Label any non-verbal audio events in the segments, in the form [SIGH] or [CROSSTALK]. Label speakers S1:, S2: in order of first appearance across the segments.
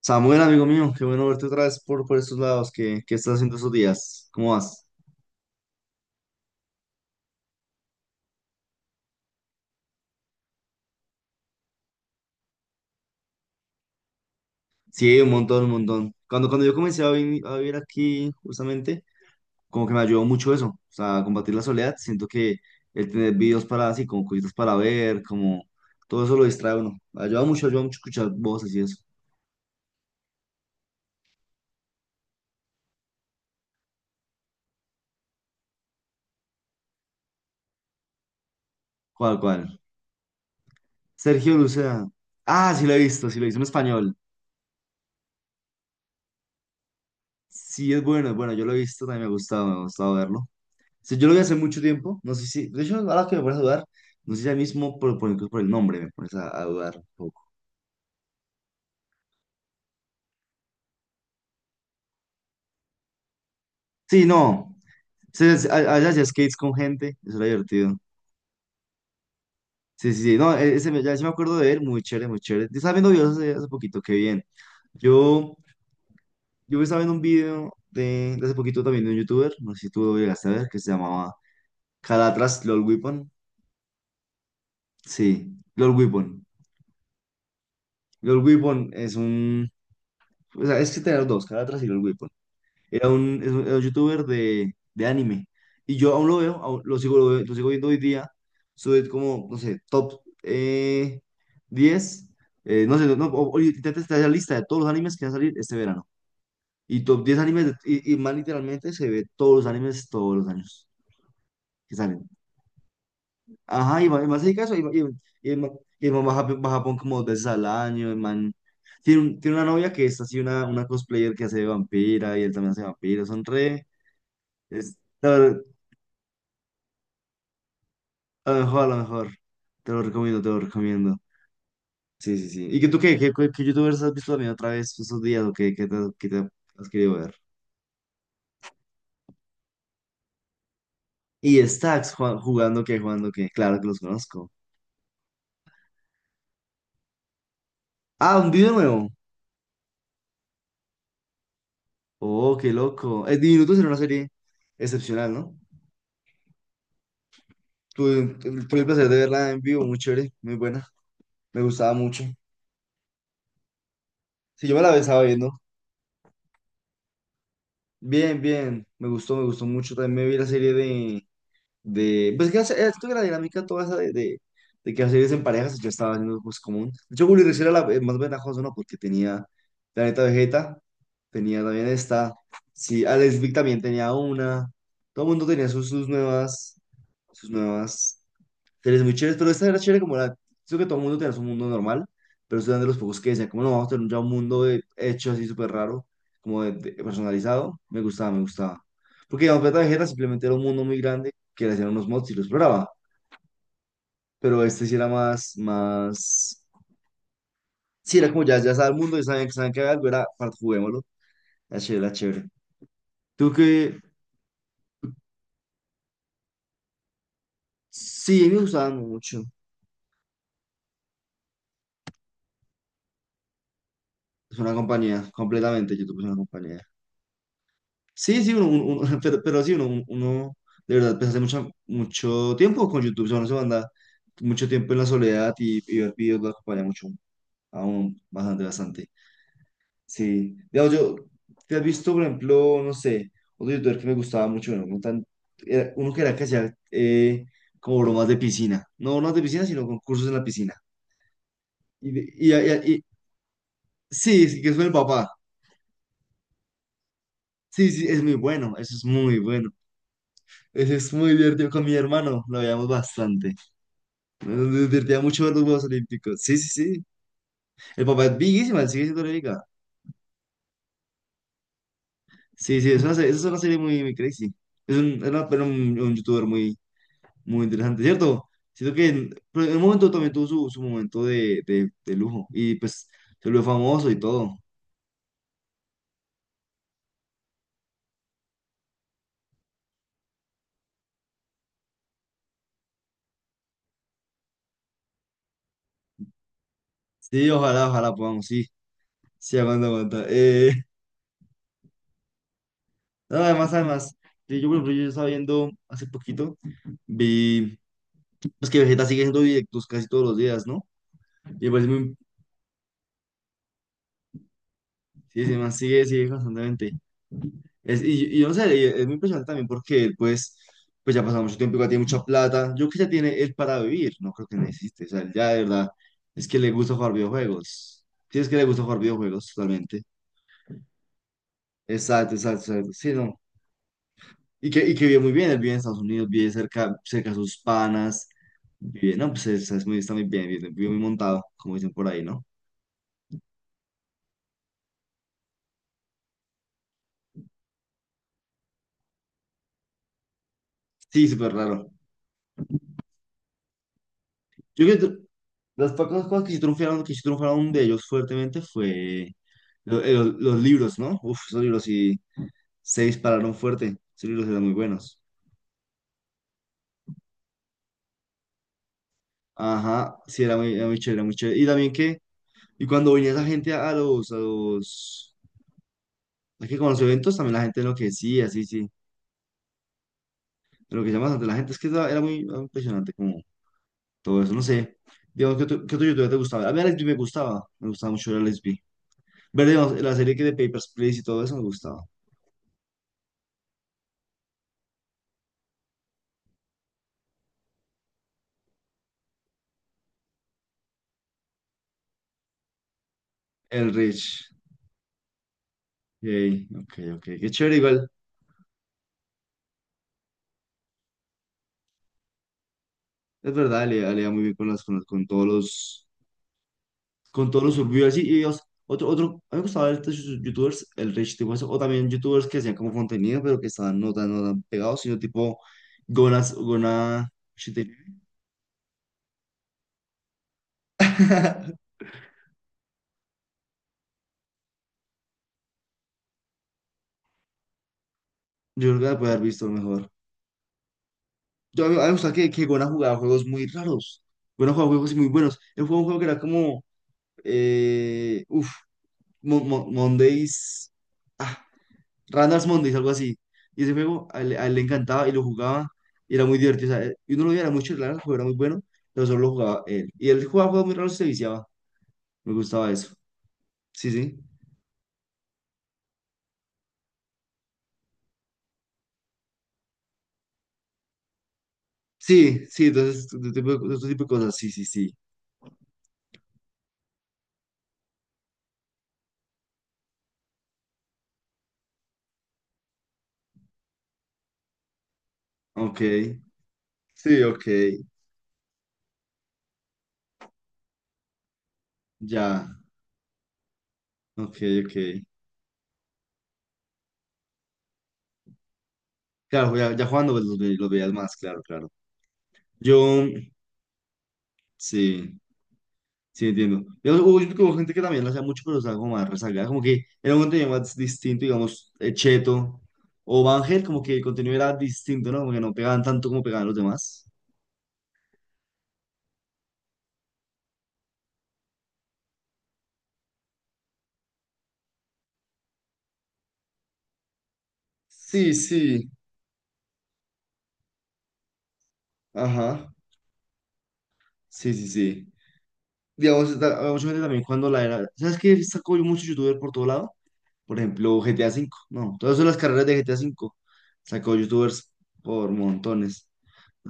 S1: Samuel, amigo mío, qué bueno verte otra vez por estos lados. ¿Qué estás haciendo estos días? ¿Cómo vas? Sí, un montón, un montón. Cuando yo comencé a vivir aquí, justamente, como que me ayudó mucho eso, o sea, combatir la soledad. Siento que el tener videos para así, como cositas para ver, como todo eso lo distrae a uno. Ayuda mucho escuchar voces y eso. ¿Cuál? Sergio Lucea. Ah, sí lo he visto, sí lo he visto en español. Sí, es bueno, yo lo he visto, también me ha gustado verlo. Sí, yo lo vi hace mucho tiempo, no sé si, de hecho, ahora que me pones a dudar, no sé si ya mismo por, incluso por el nombre me pones a dudar un poco. Sí, no, sí, sí, allá hacía skates con gente, eso era divertido. Sí, sí, sí, no, ya sí me acuerdo de él, muy chévere, muy chévere. Yo estaba viendo videos hace poquito, qué bien. Yo, yo estaba viendo un video de hace poquito también de un youtuber, no sé si tú lo llegaste a ver, que se llamaba Calatras LOL Weapon. Sí, LOL Weapon. LOL Weapon es un, o sea, es que tener dos, Calatras y LOL Weapon. Era un, era un youtuber de anime. Y yo aún lo veo, aún lo sigo, lo sigo viendo hoy día. Sube como, no sé, top 10. No sé, no, no, oye, intenta estar la lista de todos los animes que van a salir este verano. Y top 10 animes, y más literalmente se ve todos los animes todos los años que salen. Ajá, y más se dedica y el man, y el man va a Japón como dos veces al año. El man tiene una novia que es así una cosplayer que hace de vampira y él también hace vampiro. Son re. Es, A lo mejor, a lo mejor. Te lo recomiendo, te lo recomiendo. Sí, sí, sí. ¿Y que tú qué? ¿Qué youtubers has visto también otra vez estos días o qué te has querido ver? ¿Y Stacks, jugando qué, jugando qué? Claro que los conozco. Ah, un video nuevo. Oh, qué loco. Es Diminutos era una serie excepcional, ¿no? Tuve, tuve el placer de verla en vivo, muy chévere, muy buena. Me gustaba mucho. Sí, yo me la estaba viendo. Bien, bien. Me gustó mucho. También me vi la serie de pues que siento la dinámica toda esa de que hacer en parejas, yo estaba haciendo pues común. De hecho, Gully Rush era la más ventajosa, ¿no? Porque tenía Planeta Vegeta, tenía también esta, sí, Alex Vic también tenía una, todo el mundo tenía sus nuevas series muy chéveres, pero esta era chévere como creo que todo el mundo tenía su mundo normal, pero estoy de los pocos que decían, como no, vamos a tener ya un mundo hecho así súper raro, como personalizado, me gustaba, me gustaba. Porque digamos, Planeta Vegeta simplemente era un mundo muy grande que le hacían unos mods y lo exploraba, pero este sí era más, más, sí era como ya sabe el mundo, ya saben que hay algo, era, para juguémoslo, era chévere, era chévere. Tú que, sí, me gustaban mucho, es una compañía, completamente, YouTube es una compañía. Sí, sí, uno, [LAUGHS] pero sí, uno de verdad, pues hace mucho, mucho tiempo con YouTube, o sea, uno se manda mucho tiempo en la soledad y ver videos lo acompaña mucho, aún bastante, bastante. Sí, digamos, ¿te has visto, por ejemplo, no sé, otro youtuber que me gustaba mucho, bueno, no tan- era uno que era que hacía como bromas de piscina, no bromas de piscina, sino concursos en la piscina? Y, de- y, y- y- sí, sí, que es con el papá. Sí, sí, es muy bueno, eso es muy bueno. Eso es muy divertido con mi hermano, lo veíamos bastante. Nos divertía mucho ver los Juegos Olímpicos. Sí, sí, sí. El papá es biguísima, sigue siendo re biga. Sí, sí, es una serie muy, muy crazy. Es un, pero un youtuber muy, muy interesante, ¿cierto? Siento que pero en un momento también tuvo su momento de lujo y pues se volvió famoso y todo. Sí, ojalá, ojalá podamos, sí. Sí, aguanta, aguanta. [LAUGHS] No, además, además, sí, yo, por ejemplo, yo estaba viendo hace poquito, vi, pues que Vegeta sigue haciendo directos casi todos los días, ¿no? Y me parece sí, sí, además sigue constantemente. Y yo no sé, y es muy impresionante también porque él, pues ya ha pasado mucho tiempo, igual tiene mucha plata. Yo creo que ya tiene él para vivir, no creo que necesite. O sea, él ya de verdad, es que le gusta jugar videojuegos. Sí, es que le gusta jugar videojuegos totalmente. Exacto, exacto, exacto. Sí, no. Y que vive muy bien, él vive en Estados Unidos, vive cerca, cerca a sus panas. Vive, no, pues está muy bien, vive muy montado, como dicen por ahí, ¿no? Sí, súper raro. Yo creo que las pocas cosas que sí triunfaron de ellos fuertemente fue los libros, ¿no? Uf, esos libros sí se dispararon fuerte. Esos libros eran muy buenos. Ajá, sí, era muy chévere, era muy chévere. Y también y cuando venía esa gente a los, a que con los eventos, también la gente enloquecía, sí, sí. Enloquecía bastante la gente, es que era muy era impresionante como todo eso, no sé. Digamos, ¿qué otro youtuber te gustaba? A mí Alex B me gustaba mucho el Alex B. Ver, digamos, la serie que de Papers, Please y todo eso me gustaba. El Rich. Ey, ok, ok, qué chévere, igual, es verdad, da le da muy bien con con todos los survivors, y, o sea, otro, a mí me gustaba ver estos youtubers, el rich tipo eso, o también youtubers que hacían como contenido, pero que estaban no tan, no tan pegados, sino tipo, Gona, Shite- [LAUGHS] yo creo que la puede haber visto mejor, a mí me gusta que Gona jugaba juegos muy raros, Gona jugaba juegos muy buenos, él jugaba un juego que era como, eh, uff, Mondays, ah, Randas Mondays, algo así. Y ese juego a él le encantaba y lo jugaba y era muy divertido. O sea, y uno lo veía, era muy chévere, el juego era muy bueno, pero solo lo jugaba él. Y él jugaba juegos muy raros se viciaba. Me gustaba eso. Sí, sí. Sí, sí, entonces, este tipo de cosas. Sí, sí, sí. Ok. Sí, ok. Ya. Ok, ok. Claro, ya jugando pues, los veías más, claro, claro. Yo, sí. Sí, entiendo. Yo creo que hubo gente que también lo hacía mucho, pero estaba como más rezagada. Como que era un contenido más distinto, digamos, Cheto o ángel como que el contenido era distinto, ¿no? Como que no pegaban tanto como pegaban los demás. Sí, sí. Ajá. Sí, sí, sí. Digamos, había mucha gente también cuando la era. ¿Sabes qué? Sacó mucho youtuber por todo lado. Por ejemplo, GTA V. No, todas son las carreras de GTA V. Sacó youtubers por montones.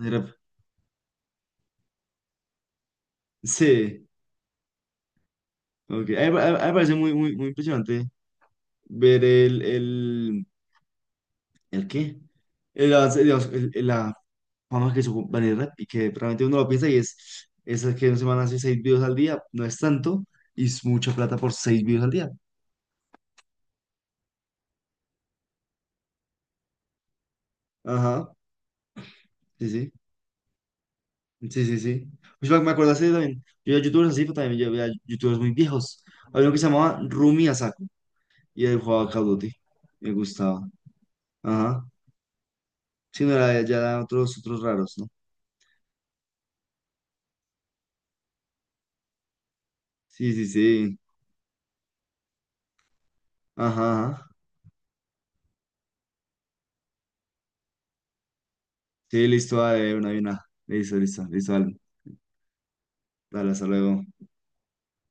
S1: Era- Sí. Ok. A mí me parece muy, muy, muy impresionante ver ¿el qué? El avance, digamos, la fama que supo Vanity Rap y que realmente uno lo piensa y es el que una semana hace seis videos al día, no es tanto, y es mucha plata por seis videos al día. Ajá, sí, sí, sí, sí, sí. Pues me acuerdo así también, yo era youtubers así, pero también yo veía youtubers muy viejos. Había uno que se llamaba Rumi Asako, y él jugaba Call of Duty, me gustaba. Ajá, sí, no era, ya eran otros raros, ¿no? Sí, sí, sí, ajá, ajá. Sí, listo, dale, una y una. Listo, listo, listo, dale, dale, hasta luego.